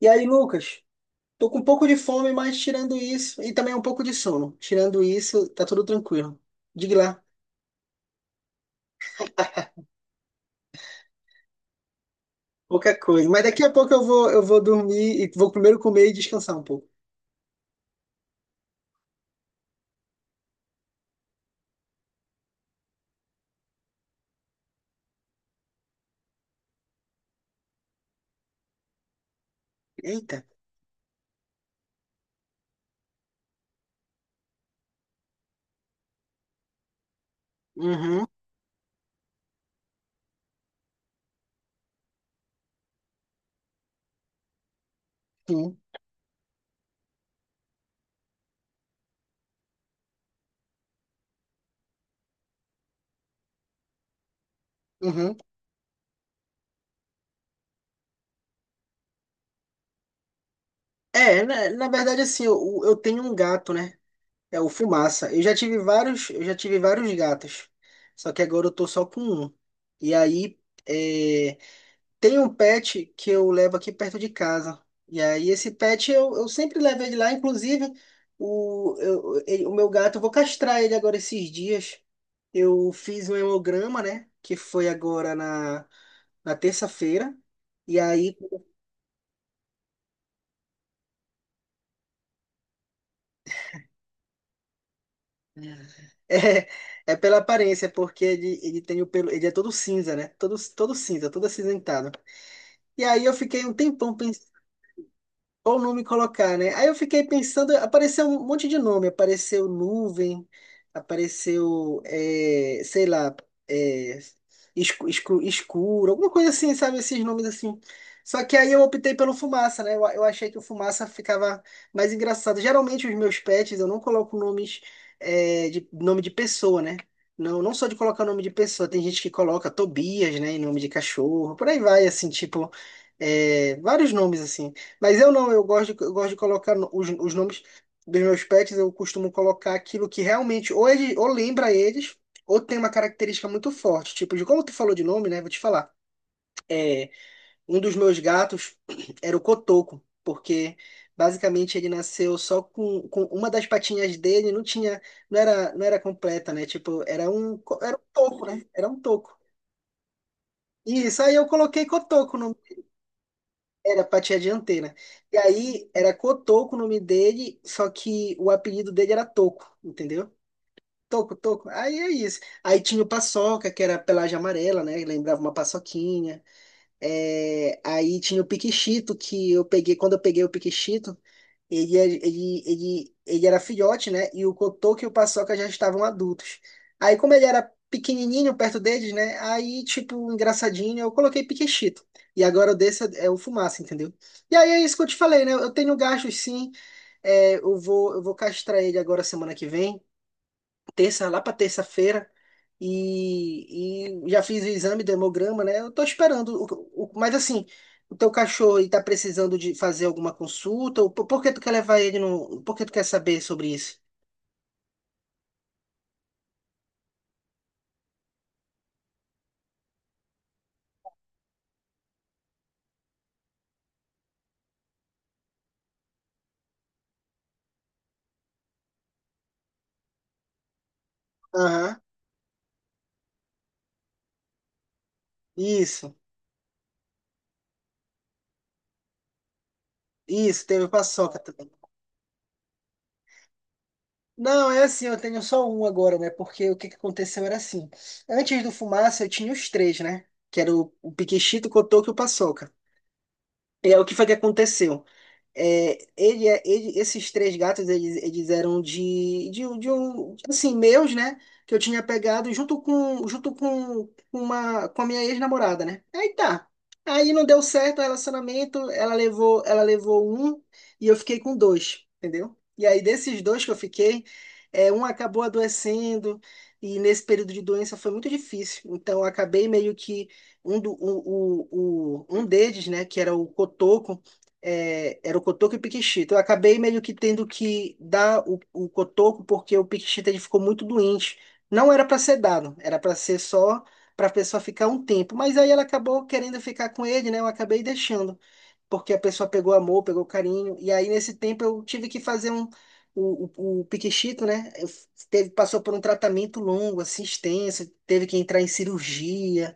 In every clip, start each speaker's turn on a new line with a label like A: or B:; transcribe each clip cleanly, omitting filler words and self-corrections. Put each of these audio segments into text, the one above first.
A: E aí, Lucas, tô com um pouco de fome, mas tirando isso, e também um pouco de sono. Tirando isso, tá tudo tranquilo. Diga lá, pouca coisa. Mas daqui a pouco eu vou dormir e vou primeiro comer e descansar um pouco. Eita. Uhum, sim, uhum. Na verdade, assim, eu tenho um gato, né? É o Fumaça. Eu já tive vários gatos. Só que agora eu tô só com um. E aí, é, tem um pet que eu levo aqui perto de casa. E aí, esse pet eu sempre levo ele lá. Inclusive, o meu gato, eu vou castrar ele agora esses dias. Eu fiz um hemograma, né? Que foi agora na terça-feira. E aí, é, é pela aparência, porque ele tem o pelo, ele é todo cinza, né? Todo cinza, todo acinzentado. E aí, eu fiquei um tempão qual nome colocar, né? Aí eu fiquei pensando, apareceu um monte de nome, apareceu nuvem, apareceu, é, sei lá, é, escu- escu- escuro, alguma coisa assim, sabe? Esses nomes assim. Só que aí eu optei pelo Fumaça, né? Eu achei que o Fumaça ficava mais engraçado. Geralmente os meus pets eu não coloco nomes, de nome de pessoa, né? Não, não só de colocar nome de pessoa, tem gente que coloca Tobias, né, em nome de cachorro, por aí vai, assim, tipo, vários nomes assim. Mas eu não, eu gosto de colocar os nomes dos meus pets, eu costumo colocar aquilo que realmente ou, ele, ou lembra eles, ou tem uma característica muito forte. Tipo, de como tu falou de nome, né? Vou te falar. É, um dos meus gatos era o Cotoco, porque basicamente ele nasceu só com uma das patinhas dele, não tinha, não era completa, né? Tipo, era um toco, né? Era um toco. Isso, aí eu coloquei Cotoco no. Era pati a dianteira. E aí era Cotoco o nome dele, só que o apelido dele era Toco, entendeu? Toco, Toco. Aí é isso. Aí tinha o Paçoca, que era pelagem amarela, né? Lembrava uma paçoquinha. Aí tinha o Piquichito, que eu peguei, quando eu peguei o Piquichito ele, é- ele era filhote, né? E o Kotoko e o Paçoca já estavam adultos. Aí, como ele era pequenininho perto deles, né? Aí, tipo, engraçadinho, eu coloquei Piquechito. E agora o desse é o Fumaça, entendeu? E aí é isso que eu te falei, né? Eu tenho gastos, sim. É, eu vou castrar ele agora semana que vem terça, lá para terça-feira, e já fiz o exame do hemograma, né? Eu tô esperando. Mas assim, o teu cachorro ele tá precisando de fazer alguma consulta? Ou por que tu quer levar ele no? Por que tu quer saber sobre isso? Aham, isso, isso, teve Paçoca também. Não, é assim, eu tenho só um agora, né? Porque o que que aconteceu era assim. Antes do Fumaça, eu tinha os três, né? Que era o Piquechito, o Cotoco e o Paçoca. E aí, o que foi que aconteceu? Esses três gatos, eles eram de um, assim, meus, né? Que eu tinha pegado junto com uma, com a minha ex-namorada, né? Aí tá. Aí não deu certo o relacionamento, ela levou um e eu fiquei com dois, entendeu? E aí desses dois que eu fiquei, um acabou adoecendo e nesse período de doença foi muito difícil. Então eu acabei meio que um, do, o- um deles, né? Que era o Cotoco, era o Cotoco e o Piquixita. Eu acabei meio que tendo que dar o Cotoco, porque o Piquixita ele ficou muito doente. Não era para ser dado, era para ser só para a pessoa ficar um tempo. Mas aí ela acabou querendo ficar com ele, né? Eu acabei deixando, porque a pessoa pegou amor, pegou carinho. E aí nesse tempo eu tive que fazer um o, o Piquixito, né? Teve, passou por um tratamento longo, assim, extenso, teve que entrar em cirurgia.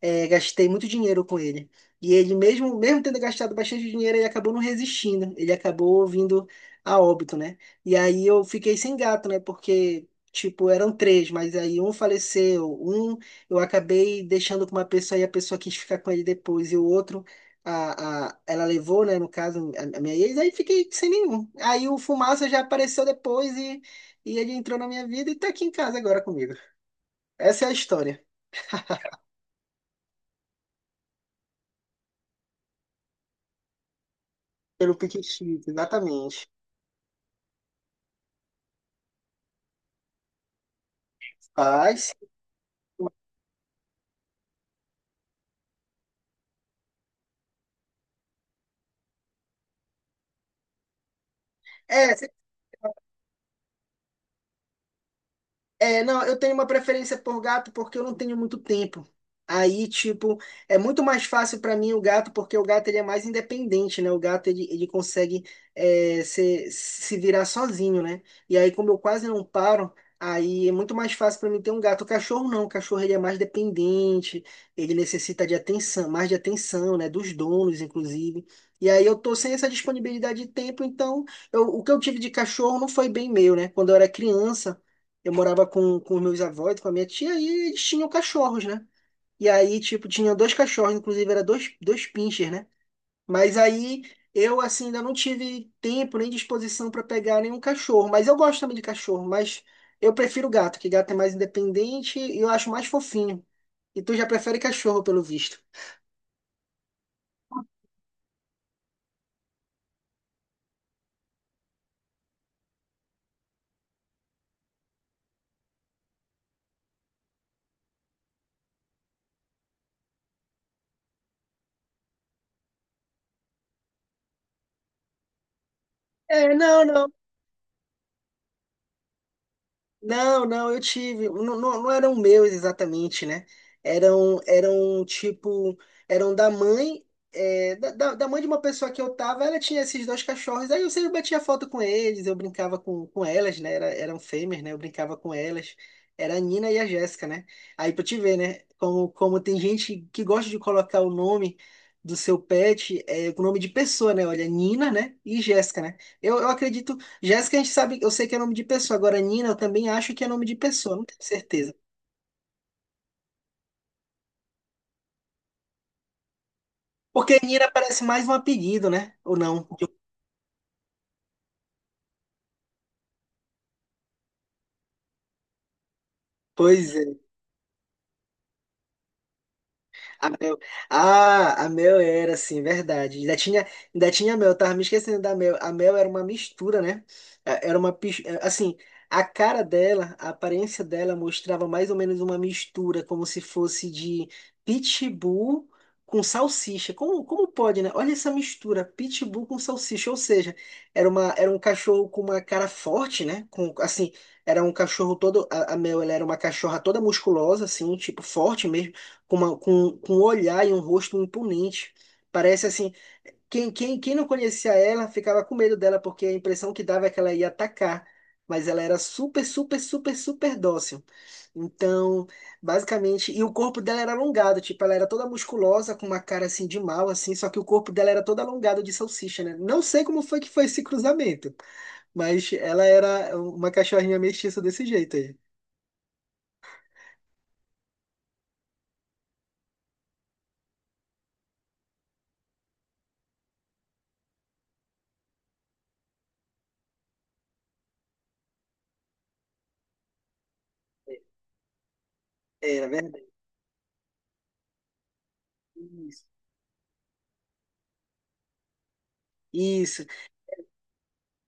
A: É, gastei muito dinheiro com ele. E ele, mesmo tendo gastado bastante dinheiro, ele acabou não resistindo. Ele acabou vindo a óbito, né? E aí eu fiquei sem gato, né? Porque, tipo, eram três, mas aí um faleceu, um eu acabei deixando com uma pessoa e a pessoa quis ficar com ele depois, e o outro. Ela levou, né, no caso, a minha ex, aí fiquei sem nenhum. Aí o Fumaça já apareceu depois e ele entrou na minha vida e tá aqui em casa agora comigo. Essa é a história. Pelo Piquetito, exatamente. Ai, sim. É, não, eu tenho uma preferência por gato porque eu não tenho muito tempo. Aí, tipo, é muito mais fácil para mim o gato, porque o gato ele é mais independente, né? O gato ele consegue se virar sozinho, né? E aí, como eu quase não paro, aí é muito mais fácil para mim ter um gato. O cachorro não, o cachorro ele é mais dependente, ele necessita de atenção, mais de atenção, né? Dos donos, inclusive. E aí eu tô sem essa disponibilidade de tempo, então o que eu tive de cachorro não foi bem meu, né? Quando eu era criança eu morava com os meus avós, com a minha tia, e eles tinham cachorros, né? E aí, tipo, tinha dois cachorros, inclusive era dois, dois pinchers, né? Mas aí eu, assim, ainda não tive tempo nem disposição para pegar nenhum cachorro. Mas eu gosto também de cachorro, mas eu prefiro gato, que gato é mais independente e eu acho mais fofinho. E tu já prefere cachorro, pelo visto. Não, não. Não, não, eu tive. Não, não, não eram meus exatamente, né? Eram tipo, eram da mãe, da da mãe de uma pessoa que eu tava, ela tinha esses dois cachorros, aí eu sempre batia foto com eles, eu brincava com elas, né? Era, eram fêmeas, né? Eu brincava com elas. Era a Nina e a Jéssica, né? Aí pra te ver, né? Como, como tem gente que gosta de colocar o nome do seu pet com o nome de pessoa, né? Olha, Nina, né? E Jéssica, né? Eu acredito Jéssica, a gente sabe, eu sei que é nome de pessoa. Agora, Nina, eu também acho que é nome de pessoa, não tenho certeza. Porque Nina parece mais um apelido, né? Ou não? Pois a Mel. Ah, a Mel era, sim, verdade. Ainda tinha Mel, eu tava me esquecendo da Mel. A Mel era uma mistura, né? Era uma, assim, a cara dela, a aparência dela mostrava mais ou menos uma mistura, como se fosse de pitbull com salsicha. Como, como pode, né? Olha essa mistura, pitbull com salsicha, ou seja, era um cachorro com uma cara forte, né? Com, assim, era um cachorro todo, a Mel, ela era uma cachorra toda musculosa, assim, tipo, forte mesmo com, com um olhar e um rosto imponente. Parece assim, quem não conhecia ela ficava com medo dela, porque a impressão que dava é que ela ia atacar, mas ela era super dócil. Então, basicamente, e o corpo dela era alongado, tipo, ela era toda musculosa, com uma cara assim de mal, assim, só que o corpo dela era todo alongado de salsicha, né? Não sei como foi que foi esse cruzamento, mas ela era uma cachorrinha mestiça desse jeito aí. Era verdade. Isso. Isso.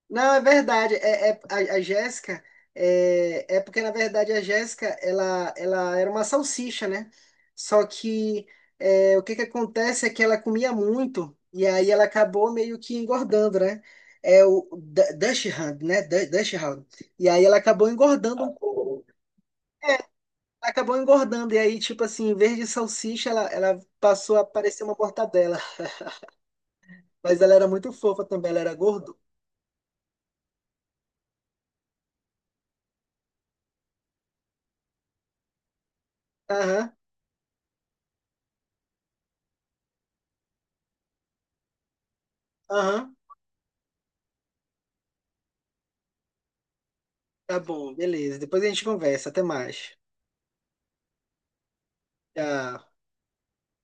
A: Não, é verdade. A Jéssica é porque, na verdade, a Jéssica ela era uma salsicha, né? Só que o que que acontece é que ela comia muito e aí ela acabou meio que engordando, né? É o Dachshund, né? Dachshund. E aí ela acabou engordando um pouco. É, ela acabou engordando. E aí, tipo assim, em vez de salsicha, ela passou a parecer uma mortadela. Mas ela era muito fofa também, ela era gordo. Aham. Aham, tá bom, beleza. Depois a gente conversa. Até mais. Tchau.